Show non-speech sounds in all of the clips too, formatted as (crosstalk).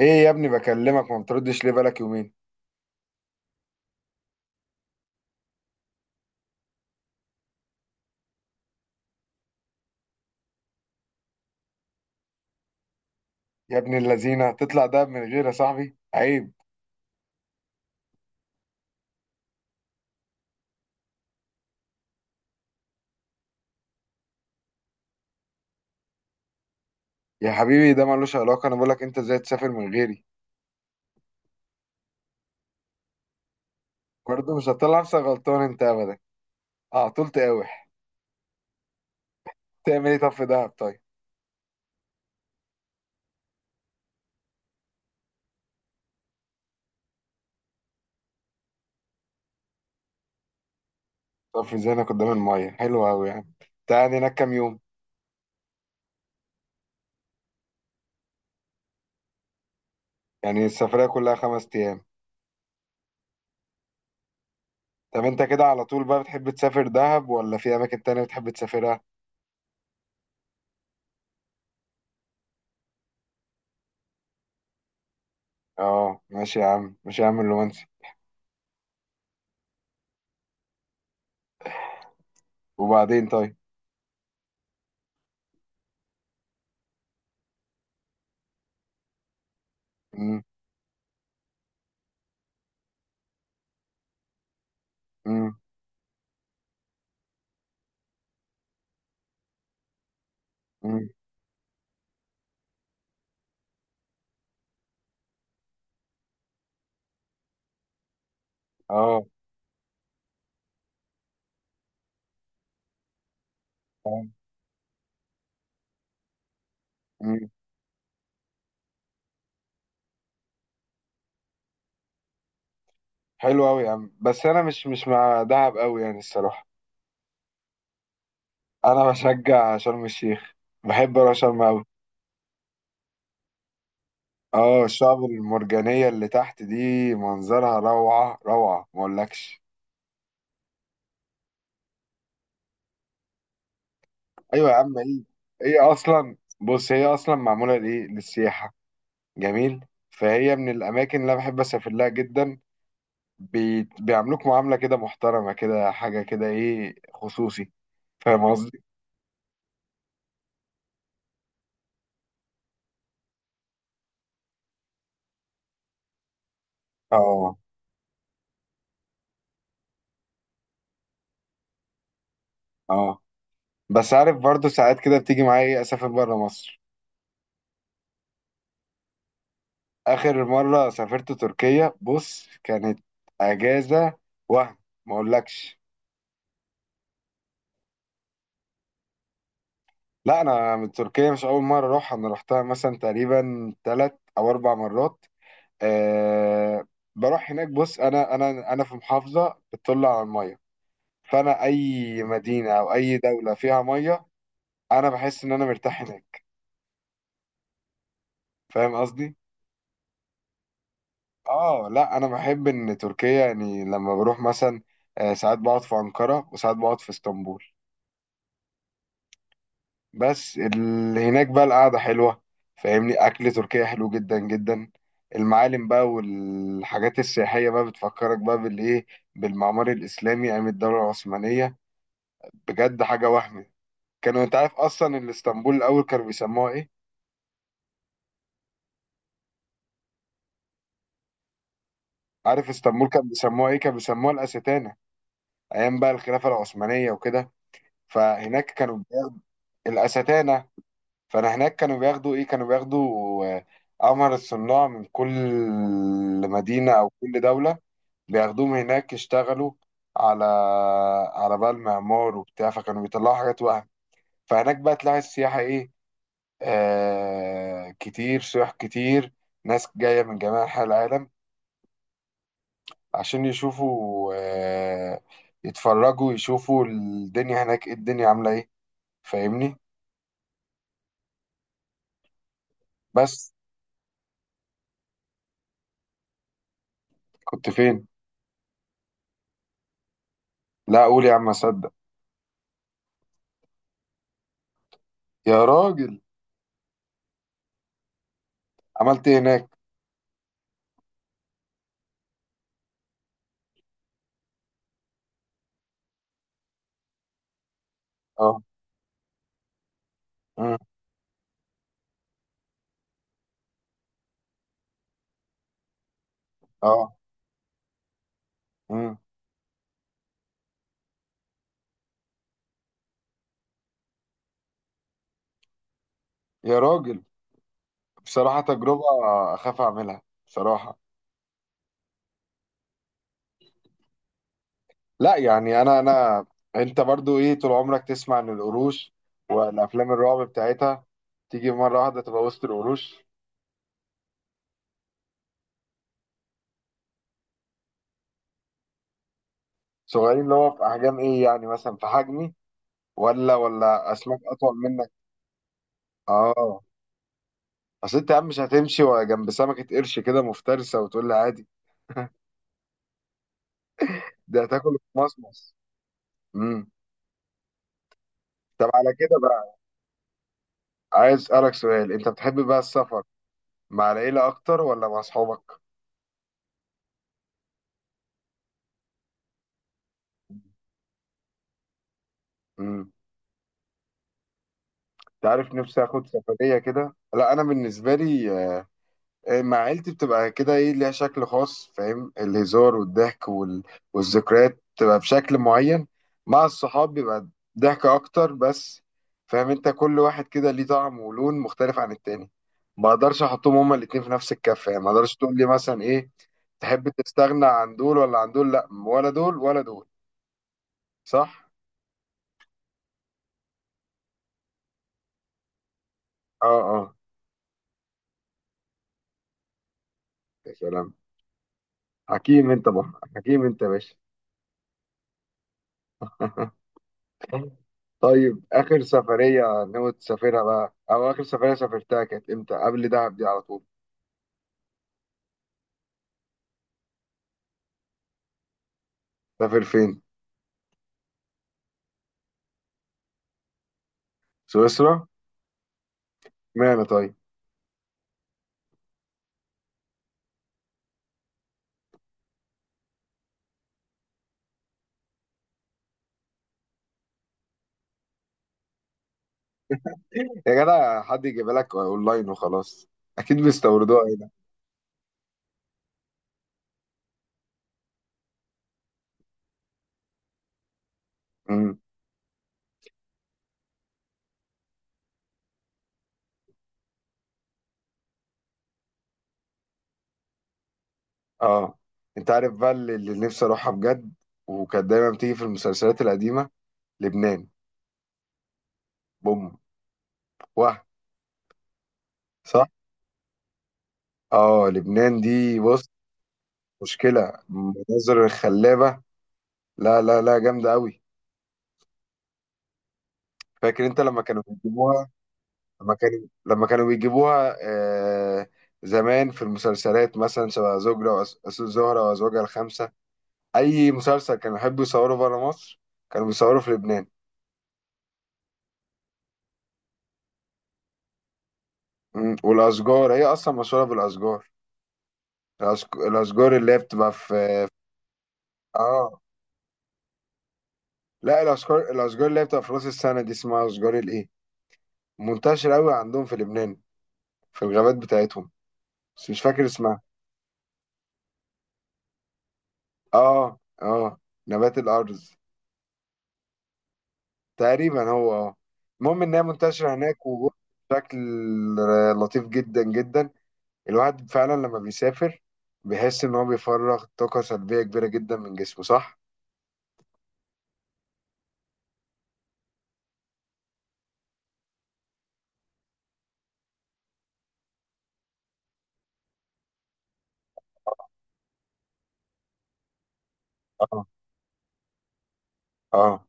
ايه يا ابني، بكلمك ما بتردش ليه؟ بقالك يومين. يا ابن اللذينه، تطلع دهب من غيري يا صاحبي؟ عيب. يا حبيبي، ده ملوش علاقه. انا بقولك انت ازاي تسافر من غيري؟ برضه مش هتطلع نفسك غلطان انت ابدا. اه، طول تقاوح. تعمل ايه طب في دهب؟ طيب. طب ذهنك قدام الميه حلو قوي يعني. تقعد هناك كام يوم؟ يعني السفريه كلها 5 ايام؟ طب انت كده على طول بقى، بتحب تسافر دهب ولا في اماكن تانية بتحب تسافرها؟ اه ماشي يا عم، ماشي يا عم الرومانسي. وبعدين طيب. امم. امم. امم. اه حلو قوي يا عم، بس انا مش مع دهب قوي يعني الصراحه. انا بشجع شرم الشيخ. بحب اروح شرم قوي. اه الشعب المرجانيه اللي تحت دي منظرها روعه روعه، ما اقولكش. ايوه يا عم. ايه؟ ايه اصلا؟ بص، هي اصلا معموله لايه؟ للسياحه. جميل، فهي من الاماكن اللي انا بحب اسافر لها جدا. بيعاملوك معامله كده محترمه، كده حاجه، كده ايه، خصوصي. فاهم قصدي؟ اه اه. بس عارف برضو ساعات كده بتيجي معايا اسافر بره مصر. آخر مرة سافرت تركيا. بص، كانت أجازة وهم، ما أقولكش. لا، أنا من تركيا مش أول مرة أروحها. أنا روحتها مثلا تقريبا 3 أو 4 مرات. أه، بروح هناك. بص، أنا في محافظة بتطل على المية. فأنا أي مدينة أو أي دولة فيها مية، أنا بحس إن أنا مرتاح هناك. فاهم قصدي؟ آه لا، أنا بحب إن تركيا يعني. لما بروح مثلا، ساعات بقعد في أنقرة وساعات بقعد في اسطنبول. بس اللي هناك بقى القعدة حلوة، فاهمني؟ أكل تركيا حلو جدا جدا. المعالم بقى والحاجات السياحية بقى بتفكرك بقى بالإيه؟ بالمعمار الإسلامي أيام الدولة العثمانية. بجد حاجة وهم. أنت عارف أصلا إن اسطنبول الأول كانوا بيسموها إيه؟ عارف اسطنبول كانوا بيسموها إيه؟ كانوا بيسموها الأستانة، أيام بقى الخلافة العثمانية وكده. فهناك كانوا بياخدوا الأستانة. فأنا هناك كانوا بياخدوا إيه؟ كانوا بياخدوا أمهر الصناع من كل مدينة أو كل دولة. بياخدوهم هناك يشتغلوا على، بقى المعمار وبتاع، فكانوا بيطلعوا حاجات وهم. فهناك بقى تلاقي السياحة إيه؟ آه، كتير سياح كتير. ناس جاية من جميع أنحاء العالم عشان يشوفوا، يتفرجوا، يشوفوا الدنيا هناك إيه، الدنيا عاملة إيه. فاهمني؟ بس. كنت فين؟ لا، أقول يا عم أصدق. يا راجل، عملت إيه هناك؟ أه. أمم. أه. أمم. يا راجل، بصراحة تجربة أخاف أعملها، بصراحة. لا يعني انا. انت برضو ايه، طول عمرك تسمع ان القروش والافلام الرعب بتاعتها، تيجي مره واحده تبقى وسط القروش. صغيرين اللي هو في احجام ايه يعني؟ مثلا في حجمي، ولا اسماك اطول منك؟ اه. اصل انت يا عم مش هتمشي جنب سمكه قرش كده مفترسه وتقول لي عادي. ده هتاكل مصمص. امم. طب على كده بقى، عايز اسالك سؤال. انت بتحب بقى السفر مع العيله اكتر ولا مع اصحابك؟ امم. تعرف نفسي اخد سفريه كده. لا، انا بالنسبه لي مع عيلتي بتبقى كده ايه، ليها شكل خاص، فاهم؟ الهزار والضحك والذكريات بتبقى بشكل معين. مع الصحاب بيبقى ضحك اكتر بس، فاهم؟ انت كل واحد كده ليه طعم ولون مختلف عن التاني. ما اقدرش احطهم هما الاتنين في نفس الكفة يعني. ما اقدرش تقول لي مثلا ايه، تحب تستغنى عن دول ولا عن دول؟ لا، ولا دول ولا دول. صح. اه اه. يا سلام، حكيم انت بقى، حكيم انت يا باشا. (laughs) طيب، آخر سفرية ناوي تسافرها بقى، أو آخر سفرية سافرتها كانت إمتى؟ قبل دهب دي على طول؟ سافر فين؟ سويسرا؟ معنى طيب. يا جدع، حد يجيب لك أونلاين وخلاص. أكيد بيستوردوها هنا. امم. أه، أنت عارف بقى اللي نفسي أروحها بجد، وكانت دايما بتيجي في المسلسلات القديمة؟ لبنان. بوم. واه. صح؟ أه، لبنان دي بص، مشكلة المناظر الخلابة. لا لا لا، جامدة أوي. فاكر أنت لما كانوا بيجيبوها؟ لما كانوا بيجيبوها زمان، في المسلسلات مثلا شبه زوجة زهرة وأزواجها الخمسة. أي مسلسل كانوا يحبوا يصوروا بره مصر كانوا بيصوروا في لبنان. مم، والأشجار هي أصلا مشهورة بالأشجار. الأشجار اللي هي بتبقى في، آه لا الأشجار، اللي هي بتبقى في رأس السنة دي، اسمها أشجار الإيه؟ منتشرة أوي عندهم في لبنان في الغابات بتاعتهم، بس مش فاكر اسمها. آه آه، نبات الأرز تقريبا هو. اه، المهم انها منتشره هناك وجوه بشكل لطيف جدا جدا. الواحد فعلا لما بيسافر بيحس ان هو بيفرغ طاقه سلبيه كبيره جدا من جسمه، صح. اه. اه.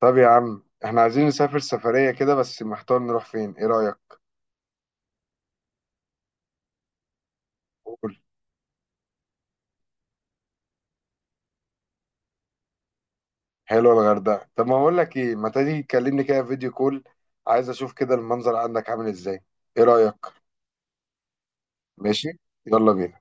طب يا عم، احنا عايزين نسافر سفريه كده بس محتار نروح فين، ايه رايك؟ قول. حلوه الغردقه. طب ما اقول لك ايه، ما تيجي تكلمني كده فيديو كول، عايز اشوف كده المنظر عندك عامل ازاي. ايه رايك؟ ماشي. يلا بينا.